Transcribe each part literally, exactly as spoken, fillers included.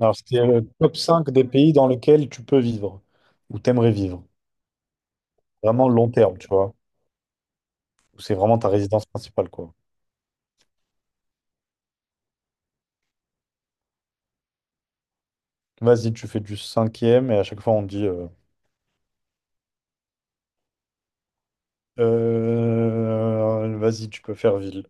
Alors, c'est le top cinq des pays dans lesquels tu peux vivre, ou t'aimerais vivre. Vraiment long terme, tu vois. Où c'est vraiment ta résidence principale, quoi. Vas-y, tu fais du cinquième, et à chaque fois, on dit... euh, Euh, vas-y, tu peux faire ville.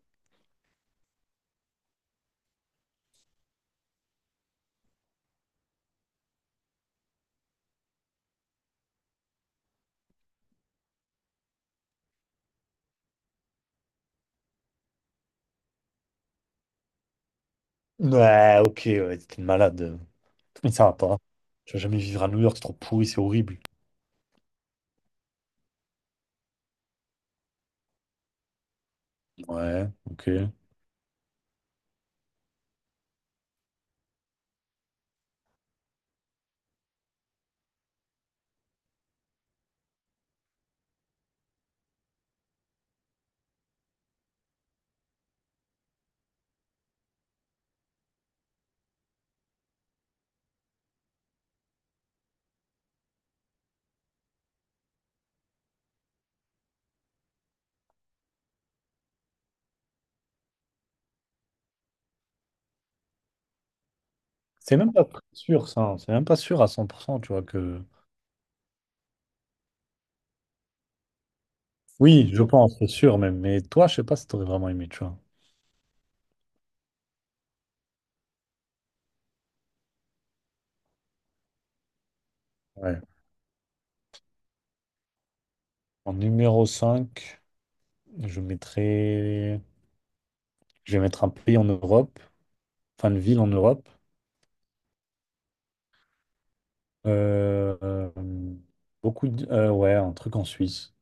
Ouais, ok, ouais, t'es une malade. Mais ça va pas. Tu vas jamais vivre à New York, c'est trop pourri, c'est horrible. Ouais, ok. C'est même pas sûr, ça, hein. C'est même pas sûr à cent pour cent, tu vois, que... Oui, je pense, c'est sûr même. Mais toi, je sais pas si t'aurais vraiment aimé, tu vois. Ouais. En numéro cinq? Je mettrai Je vais mettre un pays en Europe, enfin une ville en Europe. Euh, euh, beaucoup de... euh, ouais, un truc en Suisse,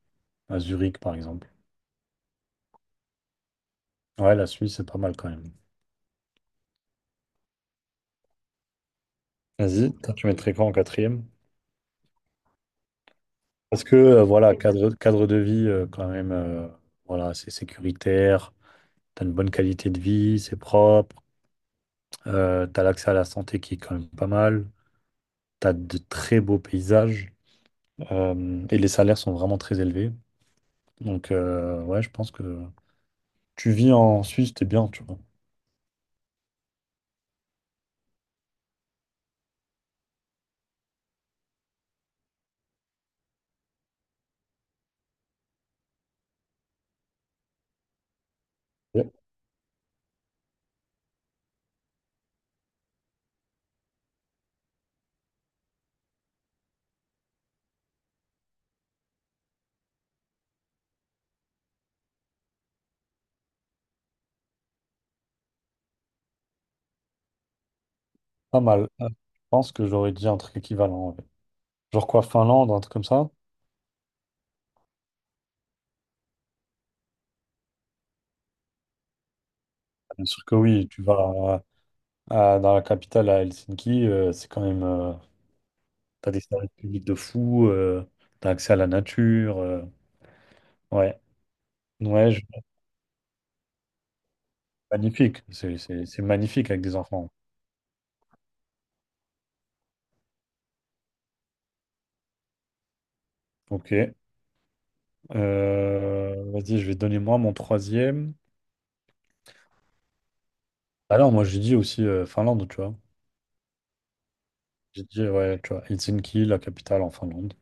à Zurich par exemple. Ouais, la Suisse, c'est pas mal quand même. Vas-y, toi, tu mettrais quoi en quatrième? Parce que, euh, voilà, cadre, cadre de vie, euh, quand même, euh, voilà, c'est sécuritaire, t'as une bonne qualité de vie, c'est propre, euh, t'as l'accès à la santé qui est quand même pas mal, t'as de très beaux paysages, euh, et les salaires sont vraiment très élevés. Donc, euh, ouais, je pense que... Tu vis en Suisse, t'es bien, tu vois. Ouais. Pas mal. Ah. Je pense que j'aurais dit un truc équivalent, ouais. Genre quoi, Finlande, un truc comme ça? Bien sûr que oui, tu vas à- à- dans la capitale à Helsinki, euh, c'est quand même. Euh, t'as des services publics de fou, euh, t'as accès à la nature. Euh, ouais. Ouais, je- magnifique. C'est c'est- c'est magnifique avec des enfants. Ok. Euh, vas-y, je vais donner moi mon troisième. Alors, moi, j'ai dit aussi euh, Finlande, tu vois. J'ai dit, ouais, tu vois, Helsinki, la capitale en Finlande.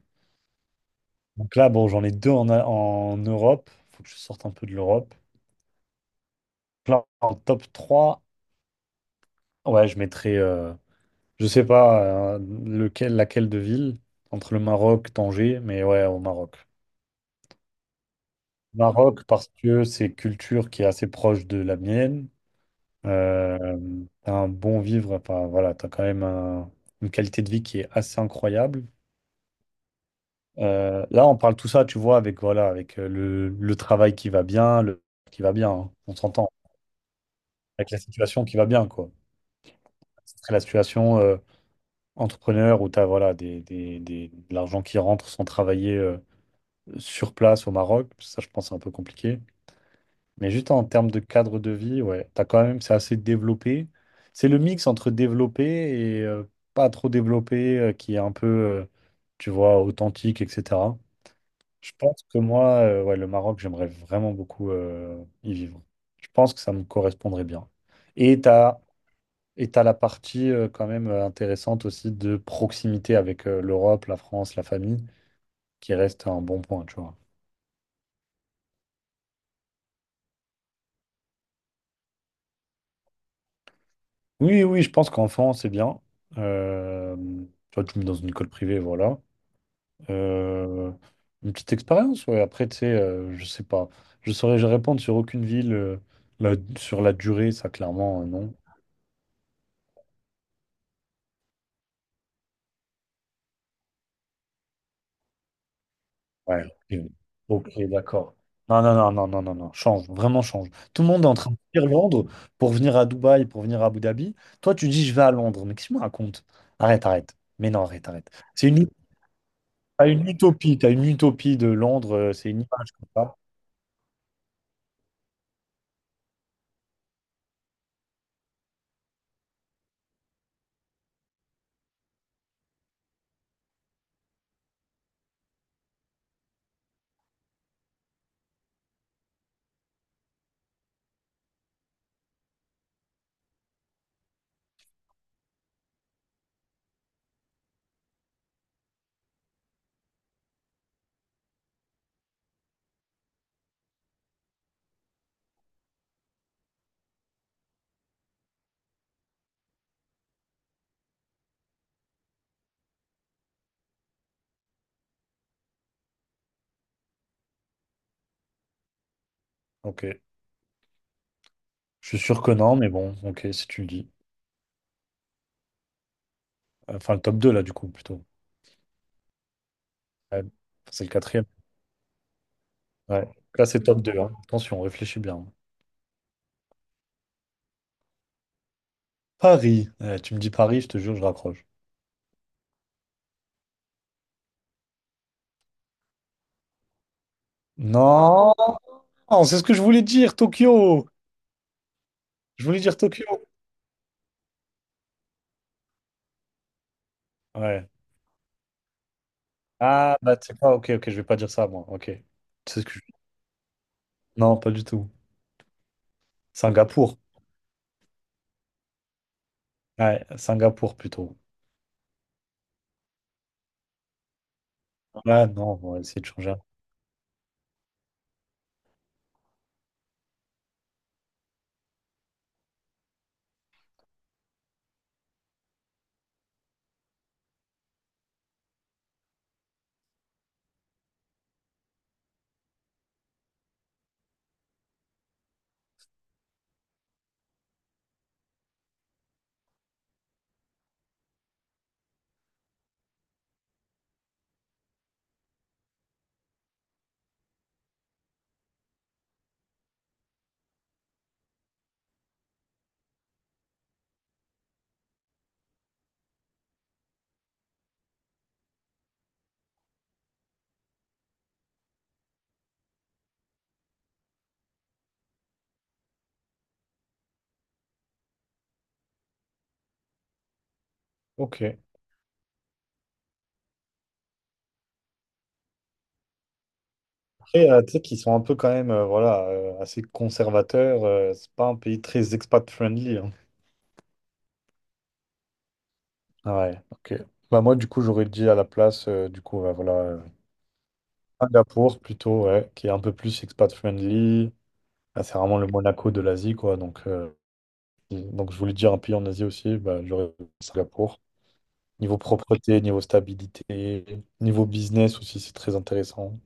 Donc là, bon, j'en ai deux en, en Europe. Faut que je sorte un peu de l'Europe. Là, en top trois, ouais, je mettrais, euh, je sais pas euh, lequel, laquelle de ville, entre le Maroc, Tanger, mais ouais, au Maroc. Maroc, parce que c'est culture qui est assez proche de la mienne. Euh, T'as un bon vivre, enfin voilà, t'as quand même un- une qualité de vie qui est assez incroyable. Euh, là, on parle tout ça, tu vois, avec voilà, avec euh, le, le travail qui va bien, le qui va bien, hein, on s'entend. Avec la situation qui va bien, quoi. Ce serait la situation euh, entrepreneur où tu as voilà, des, des- des- de l'argent qui rentre sans travailler euh, sur place au Maroc. Ça, je pense, c'est un peu compliqué. Mais juste en termes de cadre de vie, ouais, t'as quand même, c'est assez développé. C'est le mix entre développé et euh, pas trop développé euh, qui est un peu, euh, tu vois, authentique, et cetera. Je pense que moi, euh, ouais, le Maroc, j'aimerais vraiment beaucoup euh, y vivre. Je pense que ça me correspondrait bien. Et tu as Et tu as la partie euh, quand même euh, intéressante aussi de proximité avec euh, l'Europe, la France, la famille, qui reste un bon point, tu vois. Oui, oui, je pense qu'enfant, c'est bien. Euh, tu vois, tu me mets dans une école privée, voilà. Euh, une petite expérience, ouais. Après, tu sais, euh, je sais pas. Je saurais je répondre sur aucune ville, euh, la- sur la durée, ça, clairement, euh, non. Ouais, ok, Ok, d'accord. Non, non, non, non, non, non, non, change, vraiment change. Tout le monde est en train de fuir Londres pour venir à Dubaï, pour venir à Abu Dhabi. Toi, tu dis, je vais à Londres. Mais qu'est-ce que tu me racontes? Arrête, arrête. Mais non, arrête, arrête. C'est une, t'as une utopie, t'as une utopie de Londres, euh, c'est une image comme ça. Ok, je suis sûr que non, mais bon, ok, si tu le dis. Enfin, le top deux là, du coup, plutôt. Ouais, c'est le quatrième. Ouais, là, c'est top deux, hein. Attention, réfléchis bien. Paris. Eh, tu me dis Paris, je te jure, je raccroche. Non! Non, c'est ce que je voulais dire, Tokyo. Je voulais dire Tokyo. Ouais. Ah, bah, tu sais quoi, ok, ok, je vais pas dire ça, moi. Ok. C'est ce que je- Non, pas du tout. Singapour. Ouais, Singapour plutôt. Ouais, non, on va essayer de changer. Ok. Après, euh, tu sais qu'ils sont un peu quand même, euh, voilà, euh, assez conservateurs. euh, c'est pas un pays très expat-friendly, hein. Ouais, ok. Bah, moi, du coup, j'aurais dit à la place, euh, du coup, ouais, voilà, euh, Singapour plutôt, ouais, qui est un peu plus expat-friendly. Ah, c'est vraiment le Monaco de l'Asie, quoi. Donc. euh, Et donc, je voulais dire un pays en Asie aussi, bah, j'aurais dit Singapour. Niveau propreté, niveau stabilité, niveau business aussi, c'est très intéressant.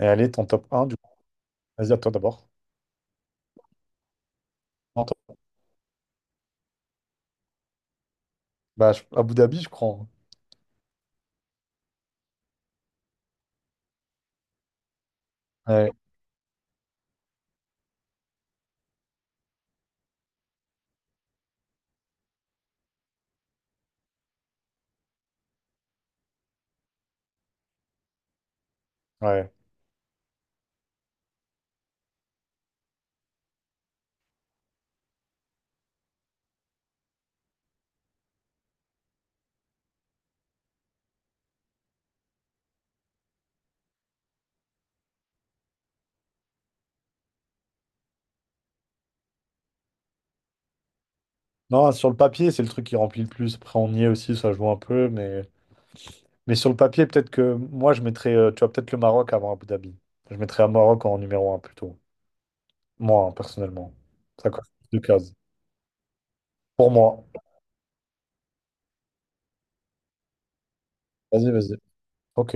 Et allez, ton top un du coup. Vas-y, à toi d'abord. Non, toi. Bah, je- Abu Dhabi, je crois, hein. Ouais, ouais. Non, sur le papier, c'est le truc qui remplit le plus. Après, on y est aussi, ça joue un peu. Mais, mais sur le papier, peut-être que moi, je mettrais, euh, tu vois, peut-être le Maroc avant Abu Dhabi. Je mettrais le Maroc en numéro un plutôt. Moi, hein, personnellement. Ça coche plus de cases. Pour moi. Vas-y, vas-y. Ok.